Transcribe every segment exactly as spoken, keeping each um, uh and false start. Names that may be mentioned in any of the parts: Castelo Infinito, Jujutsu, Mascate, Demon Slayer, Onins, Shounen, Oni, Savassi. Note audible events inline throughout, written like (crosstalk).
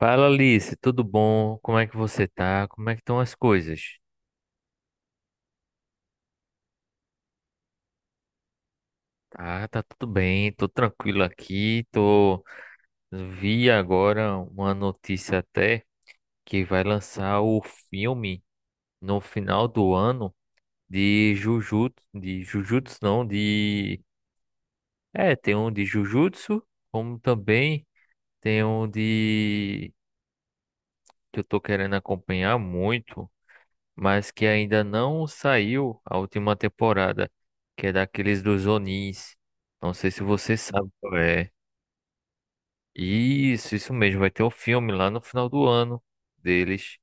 Fala Alice, tudo bom? Como é que você tá? Como é que estão as coisas? Ah, tá tudo bem, tô tranquilo aqui, tô... Vi agora uma notícia até que vai lançar o filme no final do ano de Jujutsu, de Jujutsu não, de... É, tem um de Jujutsu, como também tem um de... que eu tô querendo acompanhar muito, mas que ainda não saiu a última temporada, que é daqueles dos Onins. Não sei se você sabe qual é. Isso, isso mesmo, vai ter um filme lá no final do ano deles,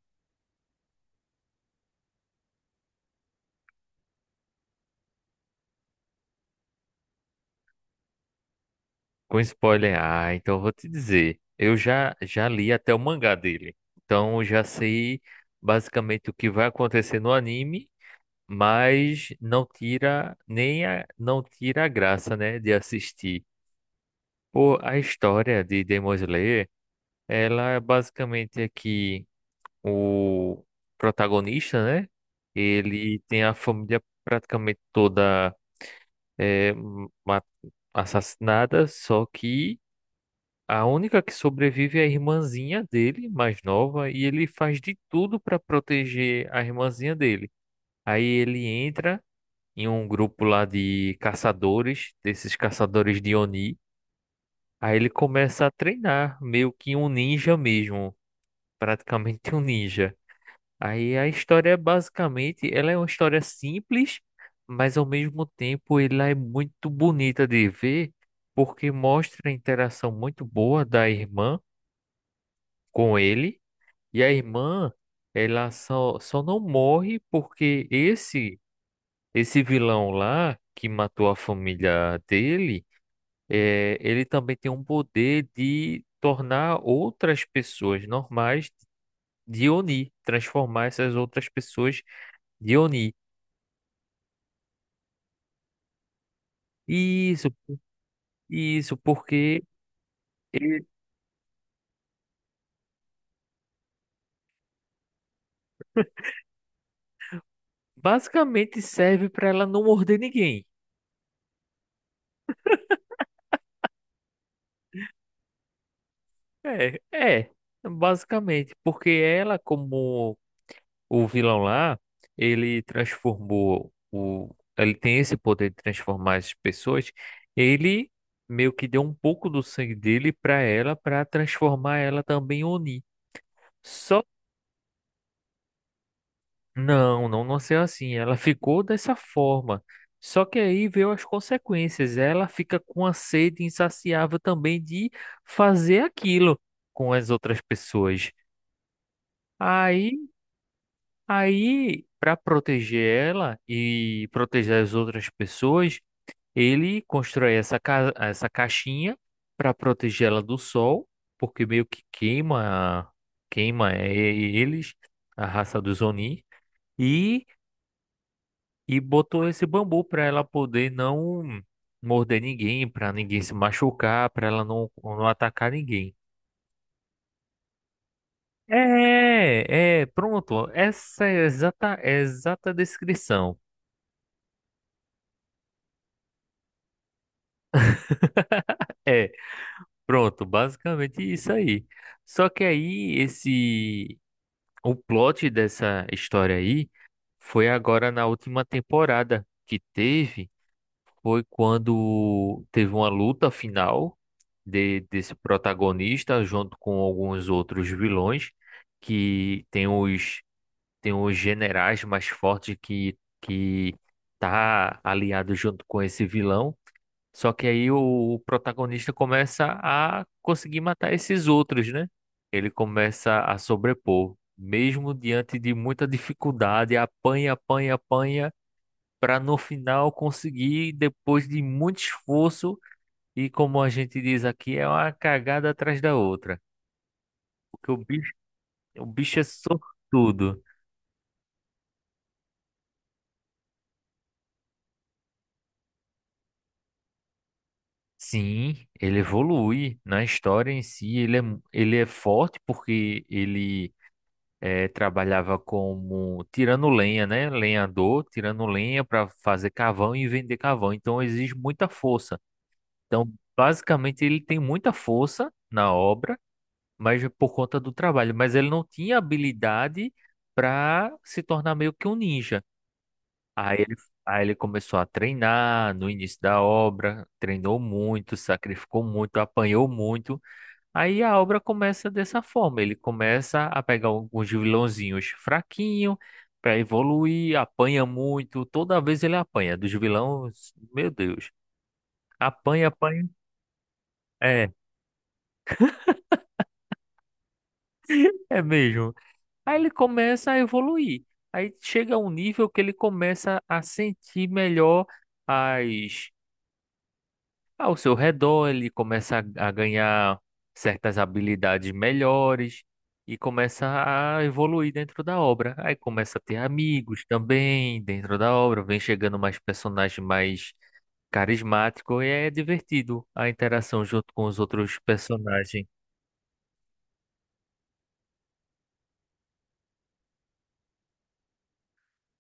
com spoiler. Ah, então eu vou te dizer, eu já já li até o mangá dele. Então eu já sei basicamente o que vai acontecer no anime, mas não tira nem a, não tira a graça, né, de assistir. Pô, a história de Demon Slayer. Ela é basicamente aqui o protagonista, né? Ele tem a família praticamente toda é, ma- assassinada, só que a única que sobrevive é a irmãzinha dele, mais nova, e ele faz de tudo para proteger a irmãzinha dele. Aí ele entra em um grupo lá de caçadores, desses caçadores de Oni. Aí ele começa a treinar, meio que um ninja mesmo, praticamente um ninja. Aí a história basicamente, ela é uma história simples, mas ao mesmo tempo ela é muito bonita de ver, porque mostra a interação muito boa da irmã com ele, e a irmã, ela só, só não morre porque esse esse vilão lá que matou a família dele, é, ele também tem um poder de tornar outras pessoas normais de Oni, transformar essas outras pessoas de Oni. Isso, isso, porque ele basicamente serve para ela não morder ninguém. É, é, basicamente, porque ela, como o vilão lá, ele transformou o, ele tem esse poder de transformar as pessoas. Ele meio que deu um pouco do sangue dele para ela, para transformar ela também em Oni. Só Não, não nasceu assim. Ela ficou dessa forma. Só que aí veio as consequências. Ela fica com a sede insaciável também de fazer aquilo com as outras pessoas. Aí, aí, para proteger ela e proteger as outras pessoas, ele constrói essa ca essa caixinha para proteger ela do sol, porque meio que queima queima eh, eles, a raça dos Oni. E e botou esse bambu para ela poder não morder ninguém, para ninguém se machucar, para ela não, não atacar ninguém. É, é, pronto. Essa é a exata, é a exata descrição. É, pronto, basicamente isso aí. Só que aí esse o plot dessa história aí foi agora na última temporada que teve. Foi quando teve uma luta final de, desse protagonista junto com alguns outros vilões que tem os tem os generais mais fortes que que tá aliado junto com esse vilão. Só que aí o protagonista começa a conseguir matar esses outros, né? Ele começa a sobrepor, mesmo diante de muita dificuldade, apanha, apanha, apanha para no final conseguir, depois de muito esforço, e como a gente diz aqui, é uma cagada atrás da outra. Porque o bicho, o bicho é sortudo. Sim, ele evolui na história em si, ele é, mu- ele é forte porque ele eh, trabalhava como tirando lenha, né? Lenhador, tirando lenha para fazer carvão e vender carvão. Então exige muita força. Então, basicamente, ele tem muita força na obra mas por conta do trabalho. Mas ele não tinha habilidade para se tornar meio que um ninja. Aí ele, aí ele começou a treinar no início da obra, treinou muito, sacrificou muito, apanhou muito. Aí a obra começa dessa forma: ele começa a pegar alguns vilãozinhos fraquinho para evoluir, apanha muito. Toda vez ele apanha dos vilões, meu Deus, apanha, apanha. É, é mesmo. Aí ele começa a evoluir. Aí chega a um nível que ele começa a sentir melhor as, ao seu redor, ele começa a, a ganhar certas habilidades melhores e começa a evoluir dentro da obra. Aí começa a ter amigos também dentro da obra, vem chegando mais personagem mais carismático e é divertido a interação junto com os outros personagens.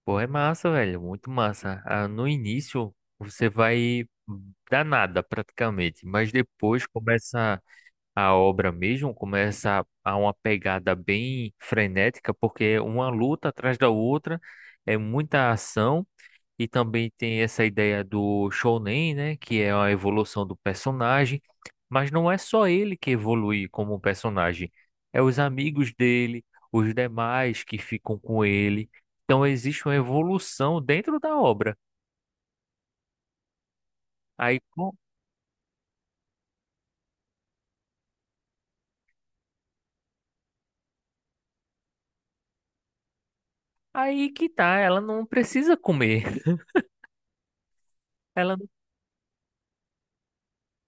Pô, é massa, velho, muito massa. Ah, no início você vai dar nada praticamente, mas depois começa a obra mesmo, começa a uma pegada bem frenética, porque é uma luta atrás da outra, é muita ação. E também tem essa ideia do Shounen, né? Que é a evolução do personagem. Mas não é só ele que evolui como personagem. É os amigos dele, os demais que ficam com ele. Então existe uma evolução dentro da obra. Aí, com- aí que tá, ela não precisa comer. (laughs) Ela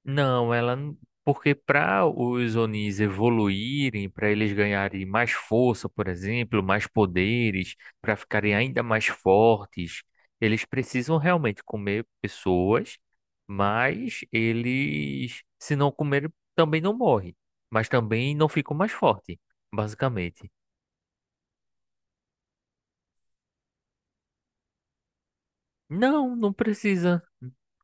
Não, ela. n- Porque para os Onis evoluírem, para eles ganharem mais força, por exemplo, mais poderes, para ficarem ainda mais fortes, eles precisam realmente comer pessoas, mas eles, se não comerem, também não morrem, mas também não ficam mais fortes, basicamente. Não, não precisa.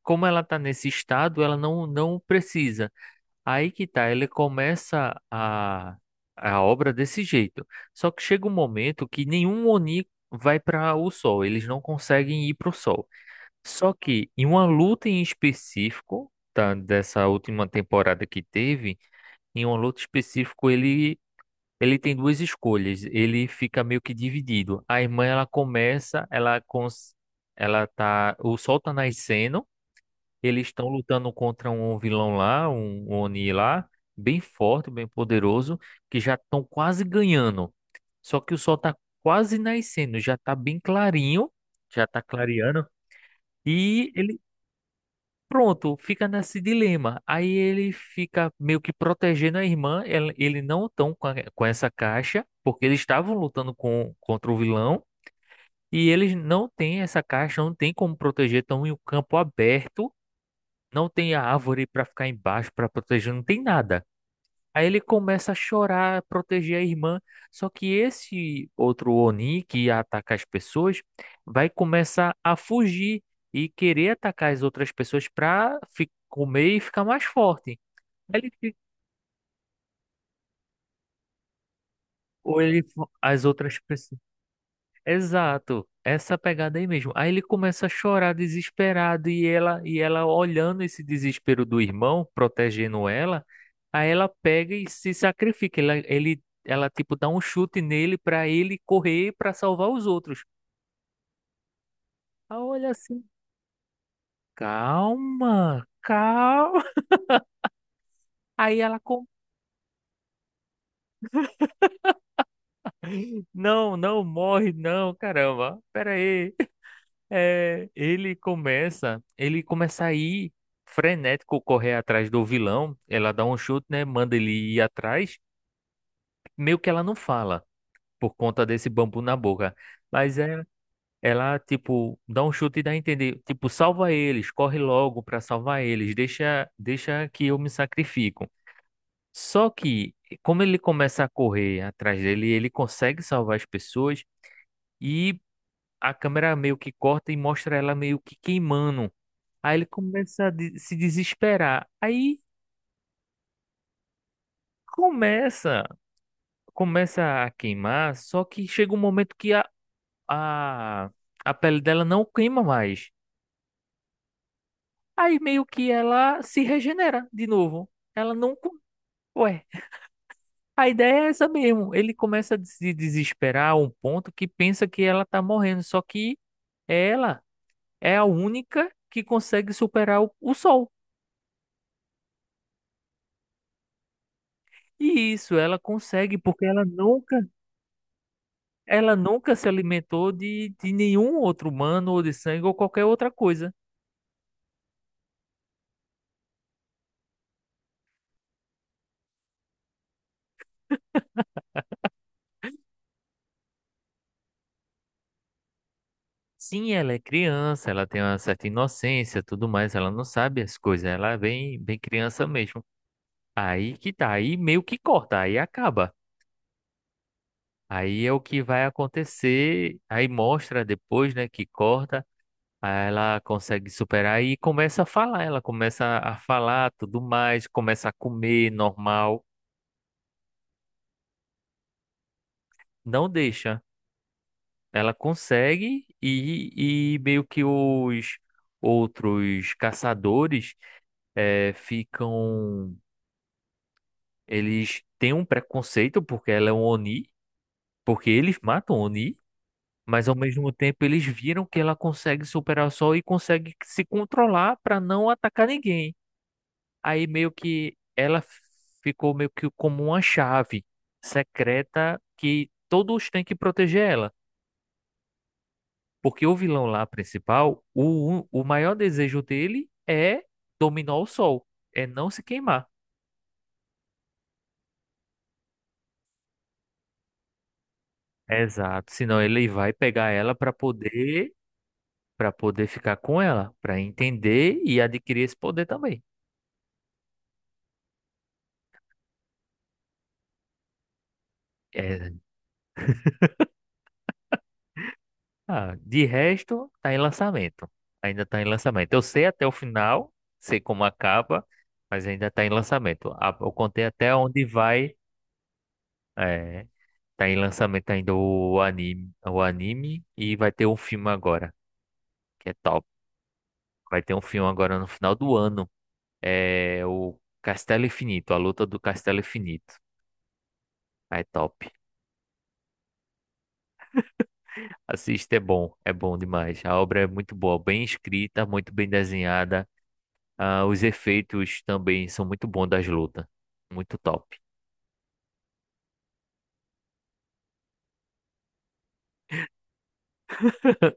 Como ela está nesse estado, ela não, não precisa. Aí que tá, ele começa a, a obra desse jeito. Só que chega um momento que nenhum Oni vai para o Sol, eles não conseguem ir para o Sol. Só que em uma luta em específico, tá, dessa última temporada que teve, em uma luta específico ele ele tem duas escolhas, ele fica meio que dividido. A irmã ela começa, ela cons, ela tá, o Sol tá nascendo, eles estão lutando contra um vilão lá, um um Oni lá, bem forte, bem poderoso, que já estão quase ganhando. Só que o sol tá quase nascendo, já tá bem clarinho, já tá clareando. E ele, pronto, fica nesse dilema. Aí ele fica meio que protegendo a irmã. Ele, ele não tão com, a- com essa caixa, porque eles estavam lutando com, contra o vilão. E eles não têm essa caixa, não tem como proteger, estão em um campo aberto, não tem a árvore para ficar embaixo para proteger, não tem nada. Aí ele começa a chorar, a proteger a irmã. Só que esse outro Oni que ia atacar as pessoas vai começar a fugir e querer atacar as outras pessoas para comer e ficar mais forte. Aí Ele, fi- ou ele, as outras pessoas. Exato, essa pegada aí mesmo. Aí ele começa a chorar desesperado e ela e ela olhando esse desespero do irmão, protegendo ela, aí ela pega e se sacrifica. Ela, ele, ela tipo dá um chute nele para ele correr para salvar os outros. Aí olha assim, calma, calma. (laughs) Aí ela com, não, não morre não, caramba. Pera aí. É, ele começa, ele começa a ir frenético correr atrás do vilão. Ela dá um chute, né? Manda ele ir atrás. Meio que ela não fala por conta desse bambu na boca. Mas é, ela, tipo, dá um chute e dá a entender, tipo, salva eles, corre logo pra salvar eles, deixa, deixa que eu me sacrifico. Só que, como ele começa a correr atrás dele, ele consegue salvar as pessoas e a câmera meio que corta e mostra ela meio que queimando. Aí ele começa a de- se desesperar. Aí começa, começa a queimar, só que chega um momento que a, a, a pele dela não queima mais. Aí meio que ela se regenera de novo. Ela não. co- Ué, a ideia é essa mesmo. Ele começa a se desesperar a um ponto que pensa que ela tá morrendo, só que ela é a única que consegue superar o, o sol. E isso ela consegue porque ela nunca Ela nunca se alimentou de, de nenhum outro humano ou de sangue ou qualquer outra coisa. Sim, ela é criança, ela tem uma certa inocência, tudo mais, ela não sabe as coisas, ela é bem, bem criança mesmo. Aí que tá, aí meio que corta, aí acaba. Aí é o que vai acontecer, aí mostra depois, né, que corta, aí ela consegue superar e começa a falar, ela começa a falar, tudo mais, começa a comer normal, não deixa. Ela consegue e, e meio que os outros caçadores eh, ficam. Eles têm um preconceito porque ela é um Oni, porque eles matam Oni, mas ao mesmo tempo eles viram que ela consegue superar o sol e consegue se controlar para não atacar ninguém. Aí meio que ela ficou meio que como uma chave secreta que todos têm que proteger ela. Porque o vilão lá principal, o, o maior desejo dele é dominar o sol, é não se queimar. Exato, senão ele vai pegar ela para poder para poder ficar com ela, para entender e adquirir esse poder também. É, ah, de resto, tá em lançamento. Ainda tá em lançamento. Eu sei até o final, sei como acaba, mas ainda tá em lançamento. Ah, Eu contei até onde vai. É, tá em lançamento ainda o anime, o anime e vai ter um filme agora. que é top. Vai ter um filme agora no final do ano. É o Castelo Infinito, a luta do Castelo Infinito. É top. Assista, é bom, é bom demais. A obra é muito boa, bem escrita, muito bem desenhada. Ah, os efeitos também são muito bons das lutas. Muito top.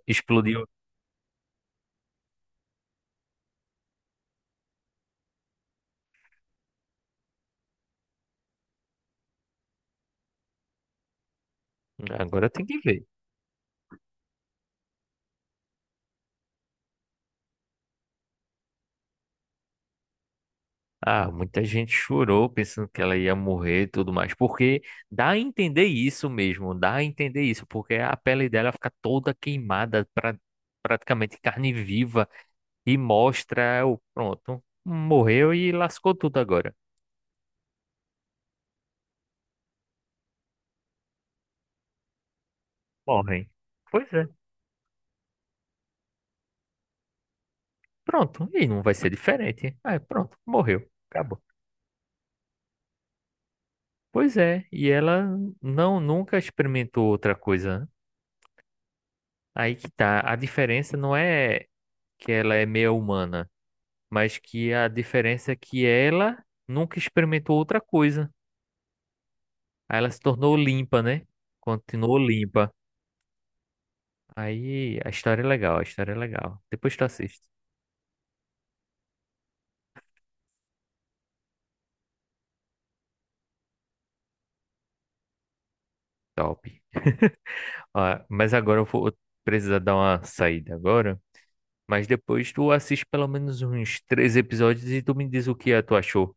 Explodiu. Agora tem que ver. Ah, muita gente chorou pensando que ela ia morrer e tudo mais, porque dá a entender isso mesmo, dá a entender isso, porque a pele dela fica toda queimada, pra, praticamente carne viva, e mostra o pronto, morreu e lascou tudo agora. Morrem. Pois é. Pronto, e não vai ser diferente. Ah, pronto, morreu, acabou. Pois é, e ela não nunca experimentou outra coisa. Aí que tá, a diferença não é que ela é meia humana. mas que a diferença é que ela nunca experimentou outra coisa. Aí ela se tornou limpa, né? Continuou limpa. Aí a história é legal, a história é legal. Depois tu assiste. Top. Ah, mas agora eu vou precisar dar uma saída agora. Mas depois tu assiste pelo menos uns três episódios e tu me diz o que é, tu achou.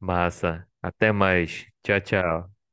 Massa. Até mais. Tchau, tchau.